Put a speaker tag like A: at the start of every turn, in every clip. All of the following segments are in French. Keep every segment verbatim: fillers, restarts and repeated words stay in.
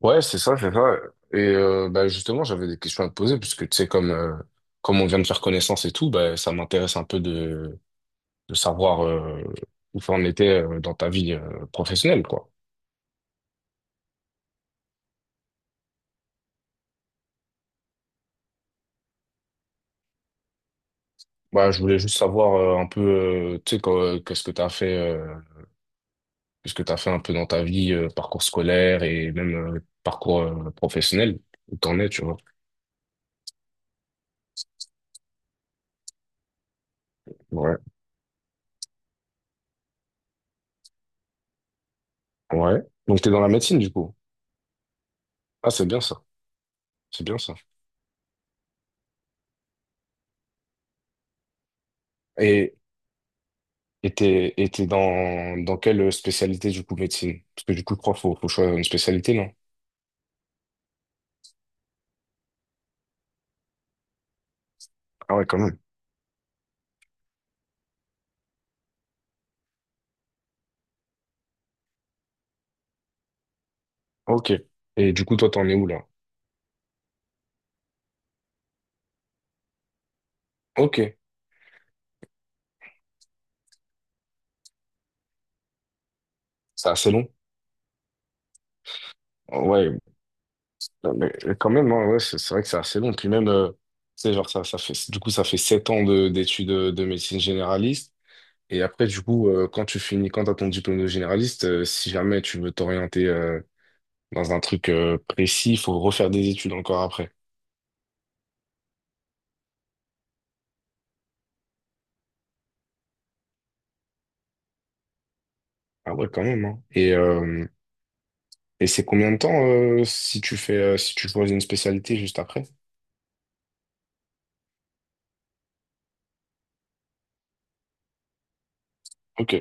A: Ouais, c'est ça, c'est ça. Et euh, bah, justement, j'avais des questions à te poser, puisque tu sais, comme, euh, comme on vient de faire connaissance et tout, bah, ça m'intéresse un peu de, de savoir euh, où ça en était euh, dans ta vie euh, professionnelle, quoi. Bah, je voulais juste savoir euh, un peu, euh, tu sais, quoi- qu'est-ce que tu as fait, euh, qu'est-ce que tu fait un peu dans ta vie, euh, parcours scolaire et même euh, parcours euh, professionnel, où t'en es, tu vois. Ouais, ouais. Donc, t'es dans la médecine, du coup. Ah, c'est bien ça, c'est bien ça. Et, Et t'es, et t'es dans, dans quelle spécialité du coup médecine? Parce que du coup, je crois qu'il faut, faut choisir une spécialité, non? Ah ouais, quand même. Ok. Et du coup, toi, t'en es où là? Ok. C'est assez long. Ouais, mais quand même, hein, ouais, c'est c'est vrai que c'est assez long. Puis même, euh, tu sais, genre, ça, ça fait, du coup, ça fait sept ans de- d'études euh, de médecine généraliste. Et après, du coup, euh, quand tu finis, quand t'as ton diplôme de généraliste, euh, si jamais tu veux t'orienter euh, dans un truc euh, précis, il faut refaire des études encore après. Ah ouais, quand même, hein. Et, euh, Et c'est combien de temps euh, si tu fais euh, si tu choisis une spécialité juste après? Ok,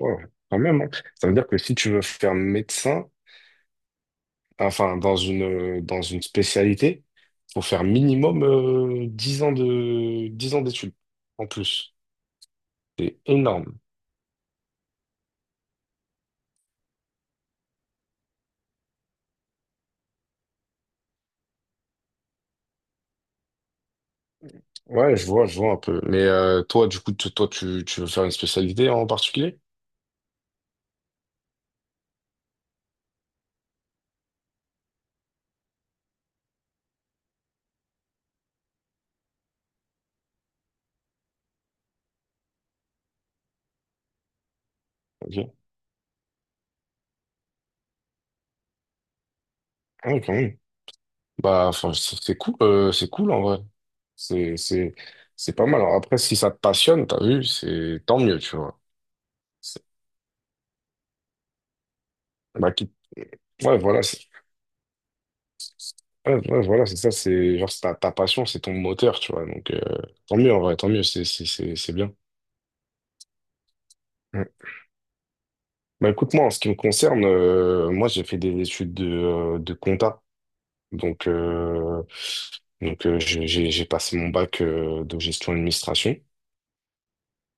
A: ouais, quand même, hein. Ça veut dire que si tu veux faire médecin, enfin dans une euh, dans une spécialité, faut faire minimum euh, dix ans de dix ans d'études en plus. C'est énorme. Ouais, je vois, je vois un peu. Mais euh, toi, du coup, tu- toi, tu, tu veux faire une spécialité en particulier? Ok. Ah, quand même. Bah, enfin, c'est c'est cool, euh, c'est cool en vrai. C'est, c'est, c'est pas mal. Alors après, si ça te passionne, t'as vu, c'est tant mieux, tu vois. C'est- Bah, qui- ouais, voilà, c'est, ouais, ouais, voilà, c'est ça, c'est genre c'est ta, ta passion, c'est ton moteur, tu vois. Donc, euh, tant mieux en vrai, tant mieux, c'est, c'est, c'est, c'est bien. Ouais. Bah, écoute-moi, en ce qui me concerne, euh, moi, j'ai fait des études de, euh, de compta. Donc, euh, donc euh, j'ai, j'ai j'ai passé mon bac euh, de gestion administration.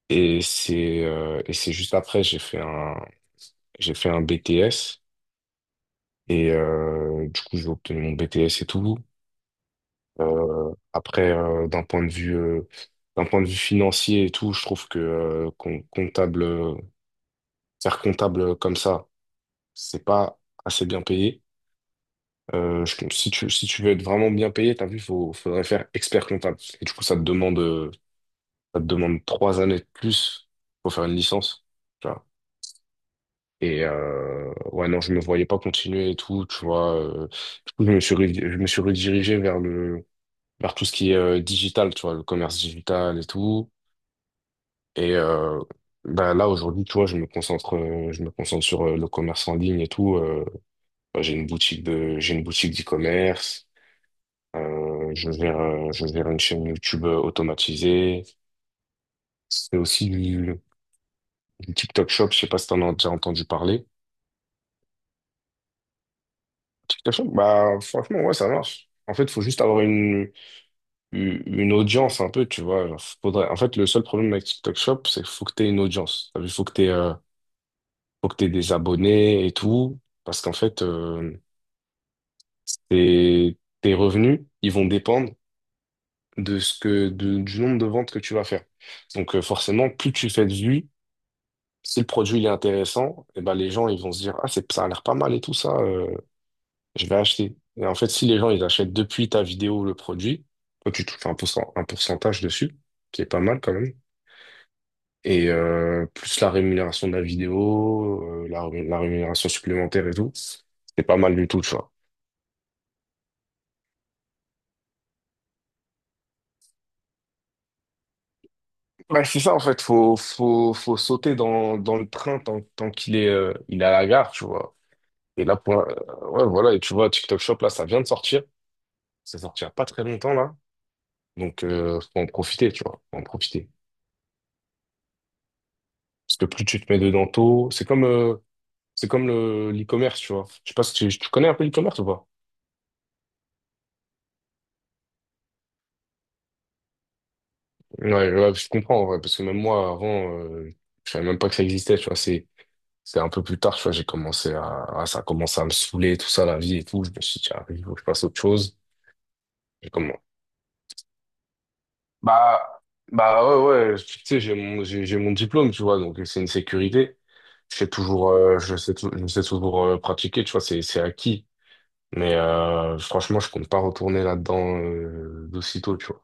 A: Et c'est euh, et c'est juste après, j'ai fait un, j'ai fait un B T S et euh, du coup j'ai obtenu mon B T S et tout. Euh, après, euh, d'un point de vue, euh, d'un point de vue financier et tout, je trouve que euh, com- comptable, euh, faire comptable comme ça, c'est pas assez bien payé. Euh, je si tu, si tu veux être vraiment bien payé, t'as vu, faut, faudrait faire expert comptable. Et du coup, ça te demande, euh, ça te demande trois années de plus pour faire une licence. Et euh, ouais, non, je me voyais pas continuer et tout, tu vois. euh. Du coup, je me suis, re- je me suis redirigé vers le, vers tout ce qui est euh, digital, tu vois, le commerce digital et tout. Et euh, bah, là, aujourd'hui, tu vois, je me concentre, euh, je me concentre sur euh, le commerce en ligne et tout. Euh, bah, j'ai une boutique de, j'ai une boutique d'e-commerce. Euh, je gère, euh, je gère une chaîne YouTube euh, automatisée. C'est aussi du, du TikTok Shop. Je sais pas si t'en as déjà entendu parler. TikTok Shop, bah, franchement, ouais, ça marche. En fait, faut juste avoir une une une audience un peu, tu vois. Genre, faudrait... En fait, le seul problème avec TikTok Shop, c'est qu'il faut que tu aies une audience. Il faut que tu aies, faut que t'aies des abonnés et tout. Parce qu'en fait, euh, tes, tes revenus, ils vont dépendre de ce que, de- du nombre de ventes que tu vas faire. Donc, euh, forcément, plus tu fais de vues, si le produit il est intéressant, et ben, les gens ils vont se dire, ah, c'est, ça a l'air pas mal et tout ça, euh, je vais acheter. Et en fait, si les gens ils achètent depuis ta vidéo le produit, toi, tu touches un pourcent- un pourcentage dessus, qui est pas mal quand même. et euh, plus la rémunération de la vidéo, euh, la, la rémunération supplémentaire et tout. C'est pas mal du tout, tu vois. Bah, c'est ça, en fait, faut, faut, faut sauter dans, dans le train tant, tant qu'il est, euh, il est à la gare, tu vois. Et là, pour, euh, ouais, voilà, et tu vois, TikTok Shop, là, ça vient de sortir. Ça sortira pas très longtemps, là. Donc, euh, faut en profiter, tu vois. Faut en profiter. Parce que plus tu te mets dedans tôt, c'est comme, euh, c'est comme le, l'e-commerce, tu vois. Je sais pas si tu, tu connais un peu l'e-commerce ou pas? Ouais, ouais, je comprends, en vrai, parce que même moi, avant, euh, je savais même pas que ça existait, tu vois, c'est, c'est un peu plus tard, tu vois, j'ai commencé à, à- ça a commencé à me saouler, tout ça, la vie et tout, je me suis dit, ah, il faut que je fasse autre chose, et comment? Bah, bah, ouais, ouais, tu sais, j'ai mon, j'ai, j'ai mon diplôme, tu vois, donc c'est une sécurité, je sais toujours, euh, je sais, tou- je sais toujours euh, pratiquer, tu vois, c'est, c'est acquis, mais euh, franchement, je compte pas retourner là-dedans euh, d'aussitôt, tu vois.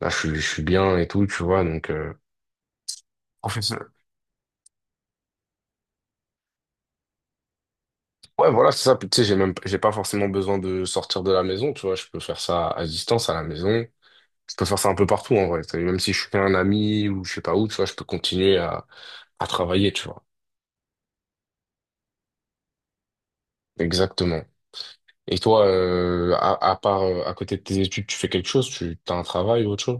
A: Là, je suis, je suis bien et tout, tu vois, donc... euh, Ouais, voilà, c'est ça. Puis, tu sais, j'ai même, j'ai pas forcément besoin de sortir de la maison, tu vois. Je peux faire ça à distance, à la maison. Je peux faire ça un peu partout, en vrai. Tu sais, Même si je suis chez un ami ou je sais pas où, tu vois, je peux continuer à, à travailler, tu vois. Exactement. Et toi, euh, à, à part, euh, à côté de tes études, tu fais quelque chose? Tu as un travail ou autre chose?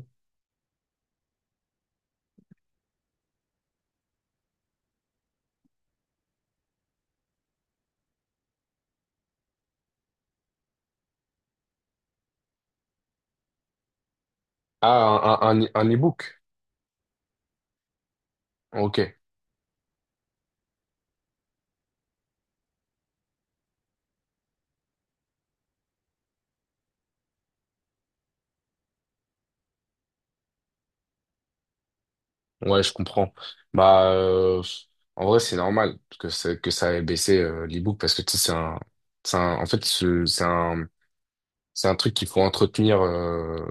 A: Ah, un, un, un e-book. Ok. Ouais, je comprends. Bah, euh, en vrai, c'est normal que, ça- que ça ait baissé euh, l'e-book parce que tu sais, c'est un, c'est un- en fait, c'est c'est un, C'est un truc qu'il faut entretenir euh,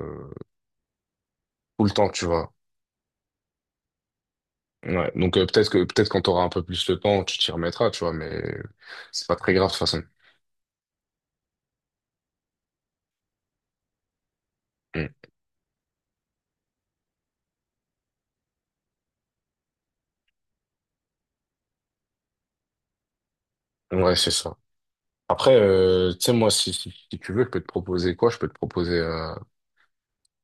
A: tout le temps, tu vois. Ouais. Donc euh, peut-être que peut-être quand t'auras un peu plus le temps, tu t'y remettras, tu vois, mais c'est pas très grave de toute façon. Mm. Ouais, c'est ça. Après, euh, tu sais, moi, si, si, si tu veux, je peux te proposer quoi? Je peux te proposer. euh,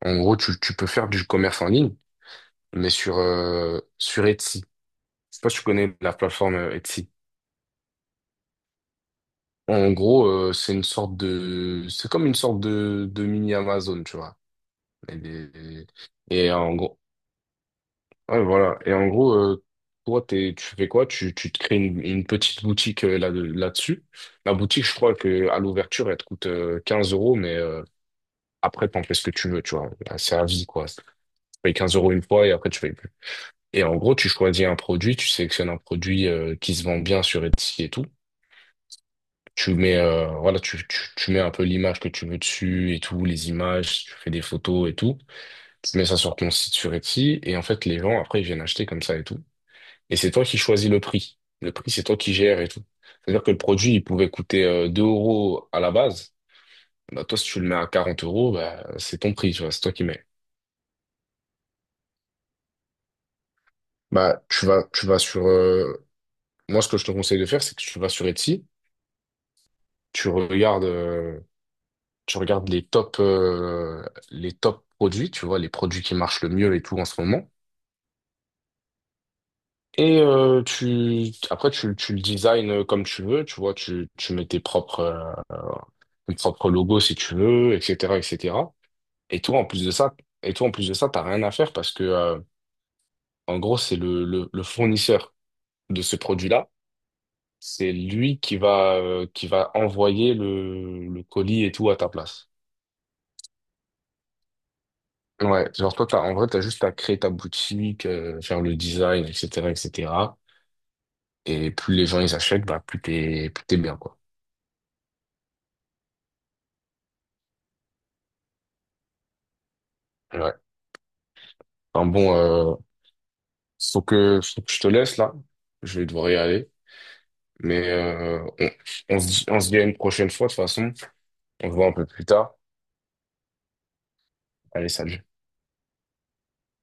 A: En gros, tu, tu peux faire du commerce en ligne, mais sur euh, sur Etsy. Je sais pas si tu connais la plateforme euh, Etsy. En gros, euh, c'est une sorte de, c'est comme une sorte de, de mini Amazon, tu vois. Et, des- et en gros, ouais, voilà. Et en gros, euh, toi, t'es, tu fais quoi? Tu, tu te crées une, une petite boutique euh, là, là-dessus. La boutique, je crois que à l'ouverture, elle te coûte euh, quinze euros, mais euh, après, t'en fais ce que tu veux, tu vois. Là, C'est à vie, quoi. Tu payes quinze euros une fois et après, tu payes plus. Et en gros, tu choisis un produit, tu sélectionnes un produit euh, qui se vend bien sur Etsy et tout. Tu mets, euh, voilà, tu, tu, tu mets un peu l'image que tu veux dessus et tout, les images, tu fais des photos et tout. Tu mets ça sur ton site sur Etsy et en fait, les gens, après, ils viennent acheter comme ça et tout. Et c'est toi qui choisis le prix. Le prix, c'est toi qui gères et tout. C'est-à-dire que le produit, il pouvait coûter euh, deux euros à la base. Bah, toi, si tu le mets à quarante euros, bah, c'est ton prix, tu vois, c'est toi qui mets. Bah, tu vas, tu vas sur. Euh, Moi, ce que je te conseille de faire, c'est que tu vas sur Etsy, tu regardes, euh, tu regardes les top, euh, les top produits, tu vois, les produits qui marchent le mieux et tout en ce moment. Et euh, tu, après, tu, tu le design comme tu veux, tu vois, tu, tu mets tes propres, euh, tes propres logos si tu veux, et cetera, et cetera. Et toi, en plus de ça, et toi, en plus de ça, t'as rien à faire parce que, euh, en gros, c'est le, le, le fournisseur de ce produit-là. C'est lui qui va, euh, qui va envoyer le, le colis et tout à ta place. Ouais, genre toi, t'as, en vrai, t'as juste à créer ta boutique, euh, faire le design, et cetera, et cetera. Et cetera. Et plus les gens, ils achètent, bah, plus t'es, plus t'es bien, quoi. Ouais. Enfin bon, euh, faut que, faut que je te laisse, là. Je vais devoir y aller. Mais, euh, on, on se dit, on se dit à une prochaine fois, de toute façon. On se voit un peu plus tard. Allez, salut.